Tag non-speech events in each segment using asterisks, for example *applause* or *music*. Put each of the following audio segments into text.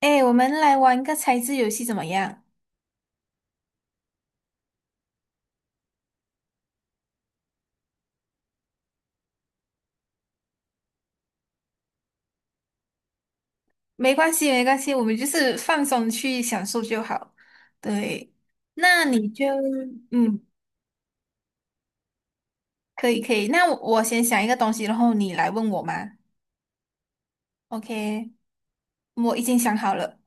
哎，我们来玩个猜字游戏怎么样？没关系，没关系，我们就是放松去享受就好。对，那你就嗯，可以可以。那我先想一个东西，然后你来问我嘛。OK，我已经想好了。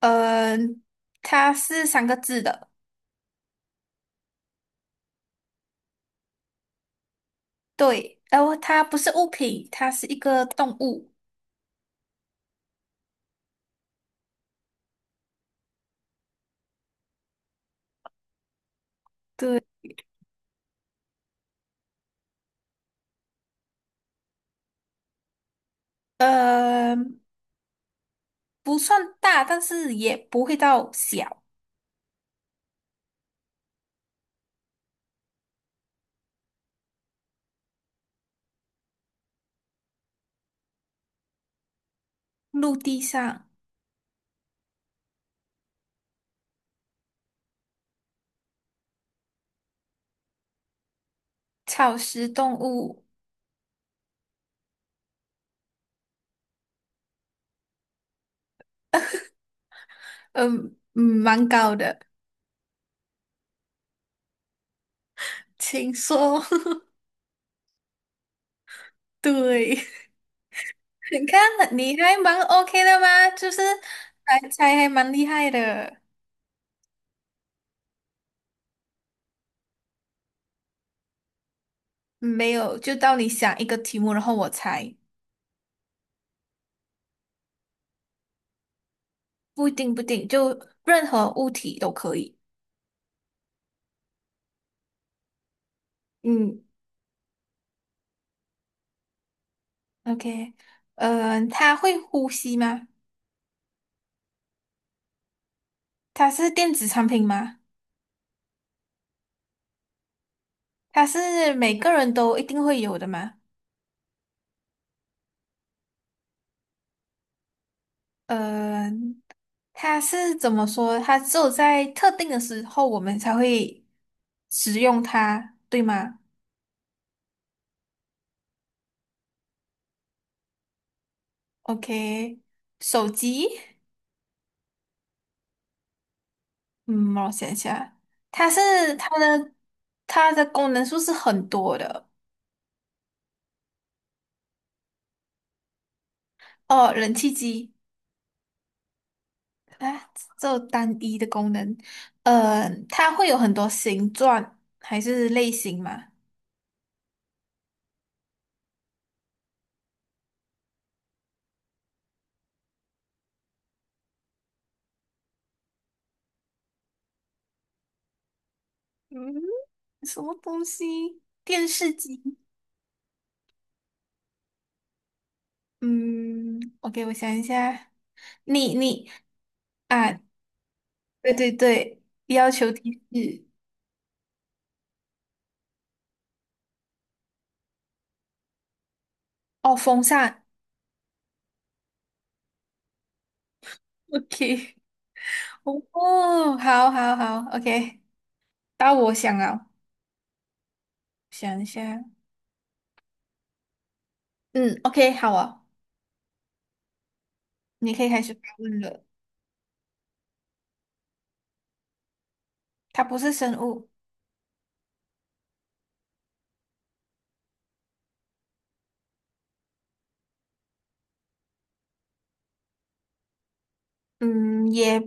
呃，它是三个字的，对，然后它不是物品，它是一个动物。对，呃，不算大，但是也不会到小。陆地上，草食动物。嗯嗯，蛮高的，请说。*laughs* 对，*laughs* 你看你还蛮 OK 的吗？就是还猜还蛮厉害的。嗯没有，就到你想一个题目，然后我猜，不一定不一定，就任何物体都可以。嗯，OK，它会呼吸吗？它是电子产品吗？它是每个人都一定会有的吗？呃，它是怎么说？它只有在特定的时候，我们才会使用它，对吗？OK，手机，嗯，让我想一下，它是它的它的功能数是很多的。哦，冷气机啊，只有单一的功能。它会有很多形状还是类型吗？嗯，什么东西？电视机。嗯，OK，我想一下，你你啊，对对对，要求提示哦，风扇，OK，*laughs* 哦，好好好，OK，到我想了，想一下，嗯，OK，好啊，你可以开始发问了。它不是生物，嗯，也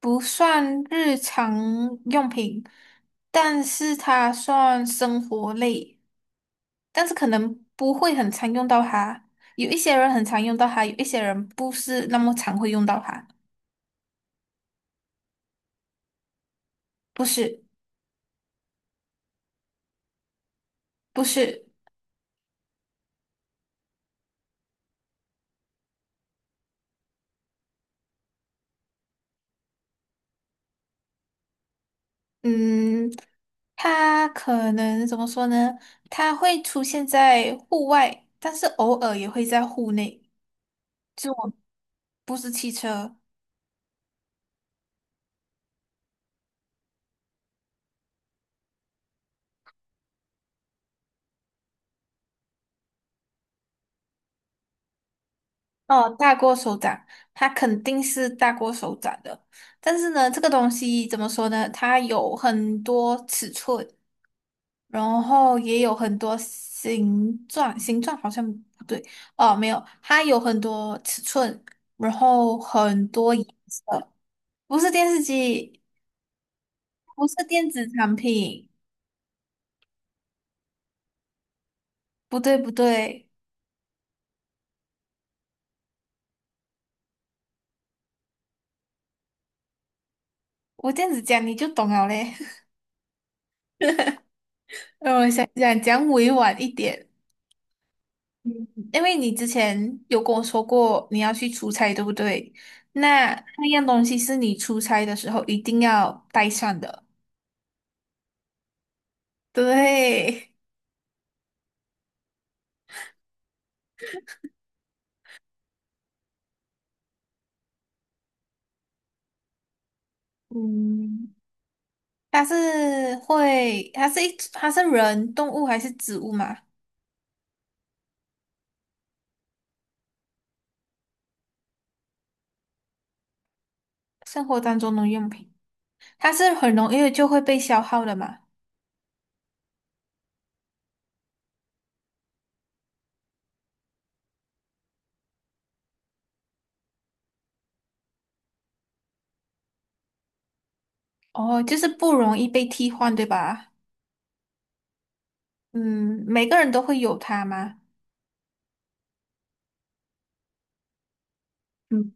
不算日常用品，但是它算生活类。但是可能不会很常用到它。有一些人很常用到它，有一些人不是那么常会用到它。不是，不是，嗯，它可能怎么说呢？它会出现在户外，但是偶尔也会在户内。就我不是汽车哦，大过手掌，它肯定是大过手掌的。但是呢，这个东西怎么说呢？它有很多尺寸。然后也有很多形状，形状好像不对哦，没有，它有很多尺寸，然后很多颜色，不是电视机，不是电子产品，不对不对，我这样子讲你就懂了嘞。*laughs* 让我想想，讲委婉一点，嗯因为你之前有跟我说过你要去出差，对不对？那那样东西是你出差的时候一定要带上的，对。嗯。它是人、动物还是植物嘛？生活当中的用品，它是很容易就会被消耗的嘛？哦，就是不容易被替换，对吧？嗯，每个人都会有它吗？嗯，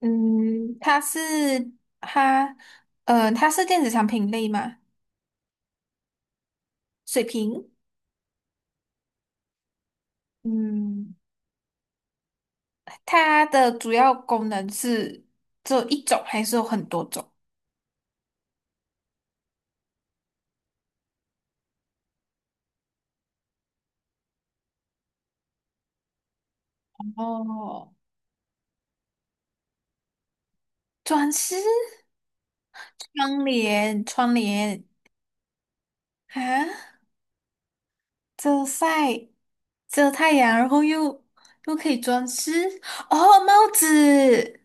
嗯，它，它是电子产品类嘛？水瓶，嗯，它的主要功能是只有一种，还是有很多种？哦，装饰窗帘啊，遮晒遮太阳，然后又可以装饰哦，帽子。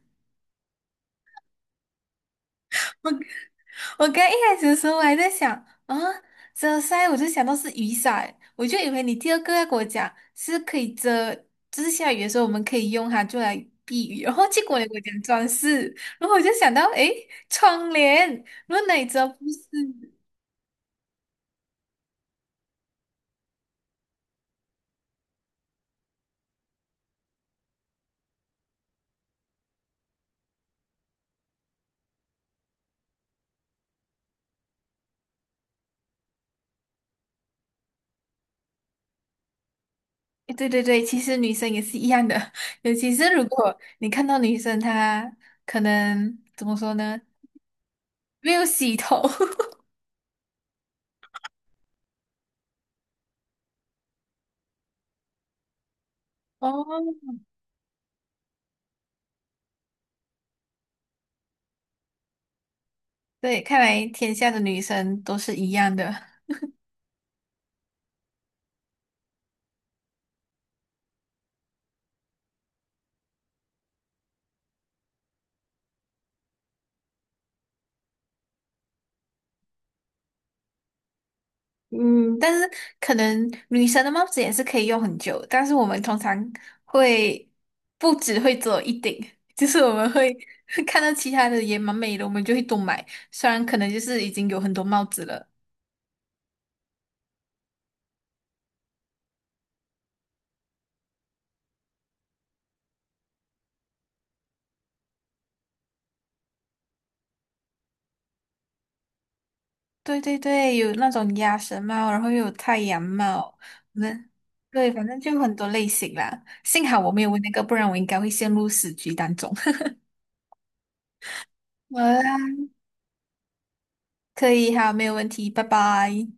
我刚一开始的时候我还在想啊，遮晒我就想到是雨伞，我就以为你第二个要给我讲是可以遮，就是下雨的时候我们可以用它就来避雨，然后结果你跟我讲装饰，然后我就想到诶，窗帘，然后哪里知道不是？诶对对对，其实女生也是一样的，*laughs* 尤其是如果你看到女生她可能怎么说呢，没有洗头，*laughs* 哦，对，看来天下的女生都是一样的。嗯，但是可能女生的帽子也是可以用很久，但是我们通常会不只会做一顶，*laughs* 就是我们会 *laughs* 看到其他的也蛮美的，我们就会多买。虽然可能就是已经有很多帽子了。对对对，有那种鸭舌帽，然后又有太阳帽，那对，反正就很多类型啦。幸好我没有问那个，不然我应该会陷入死局当中。*laughs* 好啦，可以，好，没有问题，拜拜。